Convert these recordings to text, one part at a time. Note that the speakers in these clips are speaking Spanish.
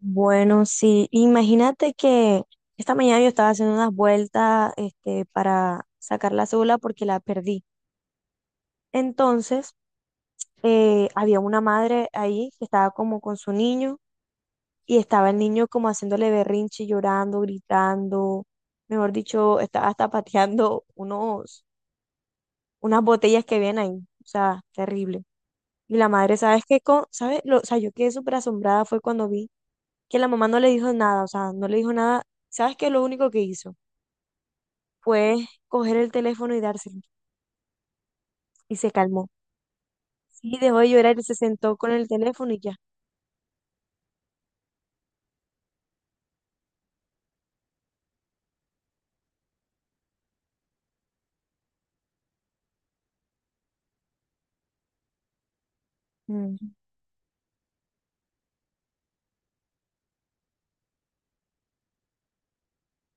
Bueno, sí, imagínate que esta mañana yo estaba haciendo unas vueltas para sacar la cédula porque la perdí. Entonces, había una madre ahí que estaba como con su niño y estaba el niño como haciéndole berrinche, llorando, gritando, mejor dicho, estaba hasta pateando unas botellas que habían ahí, o sea, terrible. Y la madre, ¿sabes qué? O sea, yo quedé súper asombrada fue cuando vi que la mamá no le dijo nada, o sea, no le dijo nada. ¿Sabes qué es lo único que hizo? Fue coger el teléfono y dárselo. Y se calmó. Sí, dejó de llorar y se sentó con el teléfono y ya. Mm.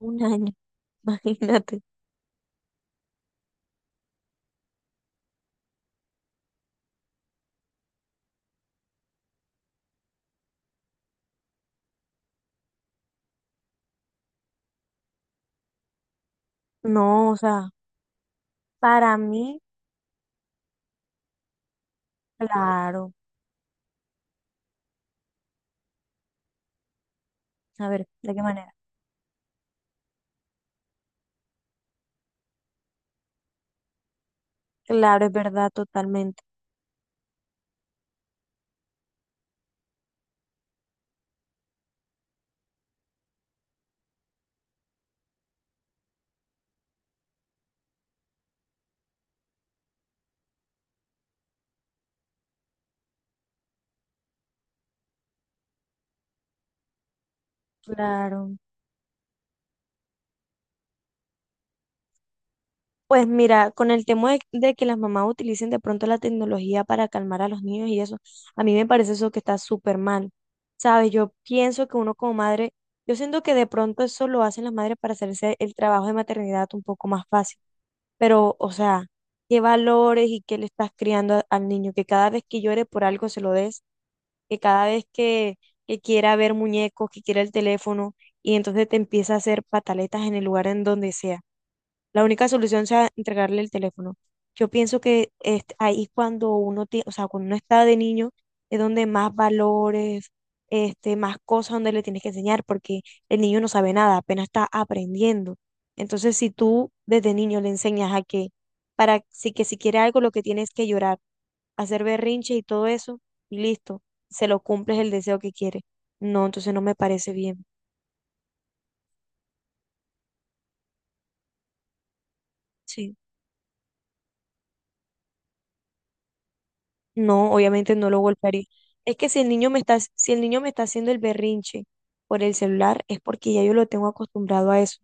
Un año, imagínate. No, o sea, para mí, claro. A ver, ¿de qué manera? Claro, es verdad, totalmente. Claro. Pues mira, con el tema de que las mamás utilicen de pronto la tecnología para calmar a los niños y eso, a mí me parece eso que está súper mal. ¿Sabes? Yo pienso que uno como madre, yo siento que de pronto eso lo hacen las madres para hacerse el trabajo de maternidad un poco más fácil. Pero, o sea, qué valores y qué le estás criando al niño, que cada vez que llore por algo se lo des, que cada vez que, que quiera ver muñecos, que quiera el teléfono, y entonces te empieza a hacer pataletas en el lugar en donde sea. La única solución sea entregarle el teléfono. Yo pienso que es ahí cuando uno, tie- o sea, cuando uno está de niño, es donde más valores, más cosas donde le tienes que enseñar, porque el niño no sabe nada, apenas está aprendiendo. Entonces, si tú desde niño le enseñas a que, para si que si quiere algo, lo que tienes es que llorar, hacer berrinche y todo eso, y listo, se lo cumples el deseo que quiere. No, entonces no me parece bien. Sí. No, obviamente no lo golpearía. Es que si el niño me está, si el niño me está haciendo el berrinche por el celular, es porque ya yo lo tengo acostumbrado a eso.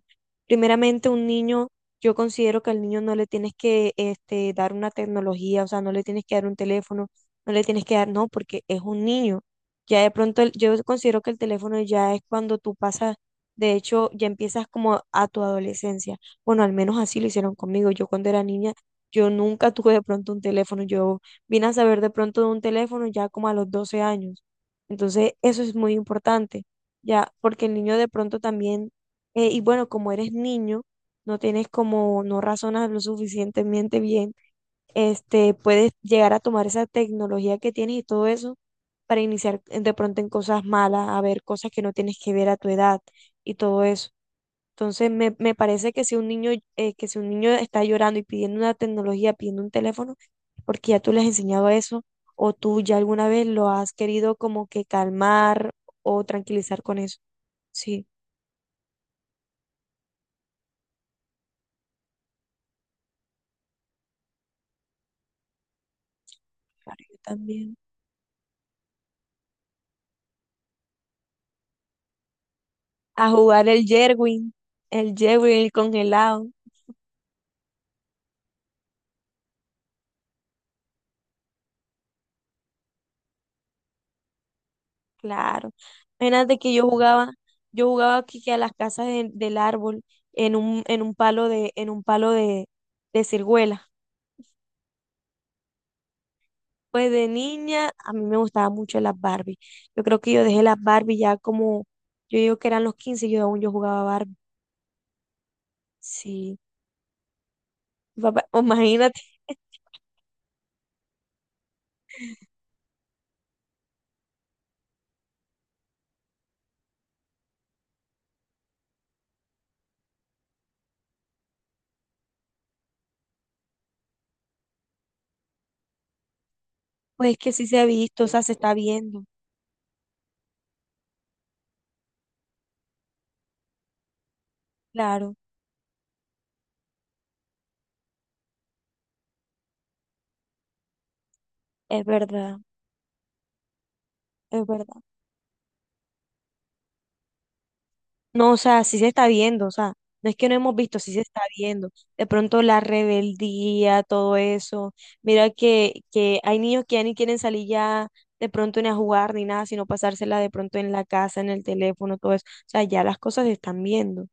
Primeramente, un niño, yo considero que al niño no le tienes que dar una tecnología, o sea, no le tienes que dar un teléfono, no le tienes que dar, no, porque es un niño. Ya de pronto, yo considero que el teléfono ya es cuando tú pasas, de hecho, ya empiezas como a tu adolescencia. Bueno, al menos así lo hicieron conmigo. Yo cuando era niña, yo nunca tuve de pronto un teléfono, yo vine a saber de pronto de un teléfono ya como a los 12 años. Entonces, eso es muy importante, ya, porque el niño de pronto también, y bueno, como eres niño, no tienes como, no razonas lo suficientemente bien, puedes llegar a tomar esa tecnología que tienes y todo eso para iniciar de pronto en cosas malas, a ver cosas que no tienes que ver a tu edad y todo eso. Entonces me parece que que si un niño está llorando y pidiendo una tecnología, pidiendo un teléfono, porque ya tú le has enseñado eso, o tú ya alguna vez lo has querido como que calmar o tranquilizar con eso. Sí, claro, yo también. A jugar el Jerwin, el Jerwin, el congelado, claro. Imagínate que yo jugaba aquí que a las casas del árbol, en un palo de ciruela. Pues de niña a mí me gustaban mucho las Barbie. Yo creo que yo dejé las Barbie ya como, yo digo que eran los 15 y yo aún yo jugaba Barbie. Sí, papá, imagínate, pues es que sí se ha visto, o sea, se está viendo. Claro, es verdad, es verdad. No, o sea, sí se está viendo, o sea, no es que no hemos visto, sí se está viendo. De pronto la rebeldía, todo eso. Mira que hay niños que ya ni quieren salir ya de pronto ni a jugar ni nada, sino pasársela de pronto en la casa, en el teléfono, todo eso. O sea, ya las cosas se están viendo.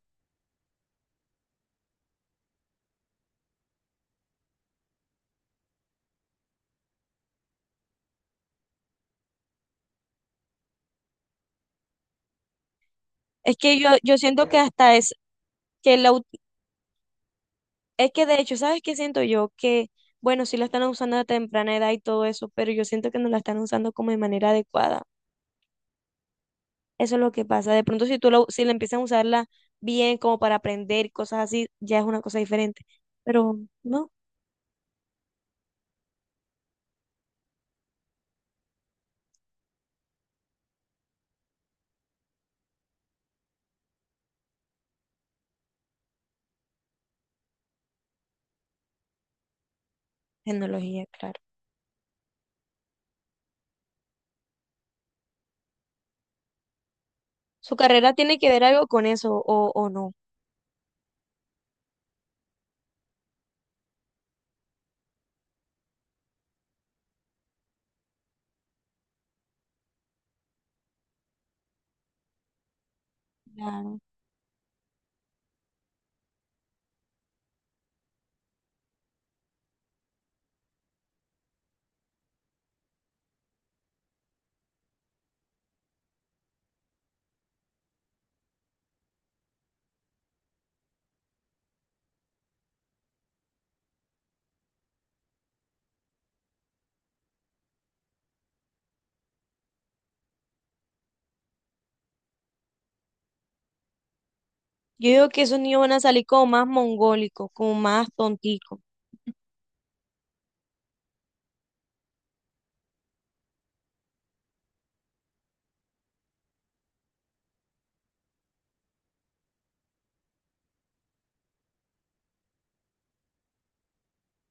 Es que yo siento que hasta es que la Es que de hecho, ¿sabes qué siento yo? Que, bueno, sí la están usando a temprana edad y todo eso, pero yo siento que no la están usando como de manera adecuada. Eso es lo que pasa. De pronto, si la empiezan a usarla bien, como para aprender y cosas así, ya es una cosa diferente. Pero no, tecnología, claro. Su carrera tiene que ver algo con eso, o no. Claro. Yo digo que esos niños van a salir como más mongólicos, como más tonticos.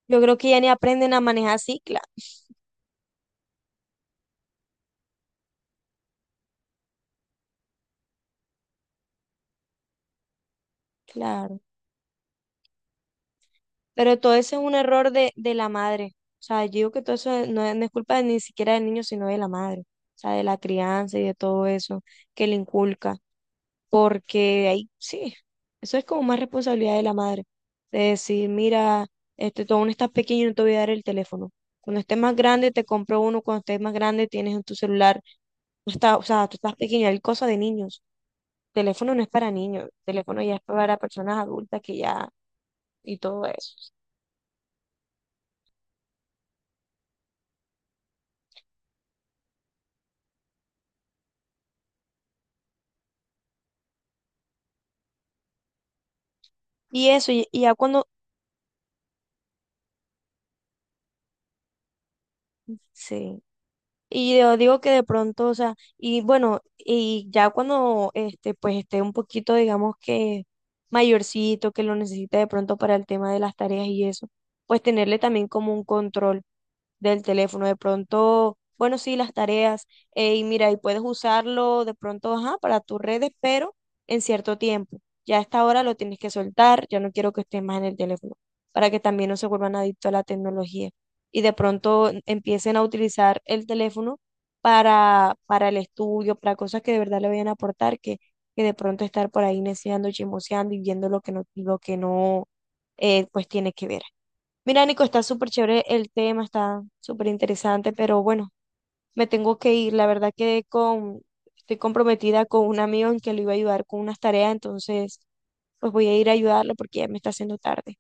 Yo creo que ya ni aprenden a manejar cicla. Claro. Pero todo eso es un error de la madre. O sea, yo digo que todo eso no es culpa ni siquiera del niño, sino de la madre. O sea, de la crianza y de todo eso que le inculca. Porque ahí sí, eso es como más responsabilidad de la madre. De decir, mira, tú aún estás pequeño, no te voy a dar el teléfono. Cuando estés más grande, te compro uno. Cuando estés más grande, tienes en tu celular. O sea, tú estás pequeño, hay cosas de niños. Teléfono no es para niños, teléfono ya es para personas adultas que ya, y todo eso. Y eso, y ya cuando, sí, y yo digo que de pronto, o sea, y bueno, y ya cuando, pues esté un poquito, digamos que mayorcito, que lo necesite de pronto para el tema de las tareas y eso, pues tenerle también como un control. Del teléfono. De pronto, bueno, sí, las tareas. Y mira, y puedes usarlo de pronto, ajá, para tus redes, pero en cierto tiempo. Ya a esta hora lo tienes que soltar, ya no quiero que estés más en el teléfono, para que también no se vuelvan adictos a la tecnología. Y de pronto empiecen a utilizar el teléfono para el estudio, para cosas que de verdad le vayan a aportar, que de pronto estar por ahí neceando, chismoseando y viendo lo que no pues tiene que ver. Mira, Nico, está súper chévere el tema, está súper interesante, pero bueno, me tengo que ir. La verdad quedé con, Estoy comprometida con un amigo en que le iba a ayudar con unas tareas, entonces pues voy a ir a ayudarlo porque ya me está haciendo tarde.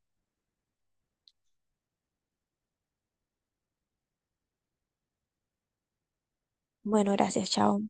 Bueno, gracias, chao.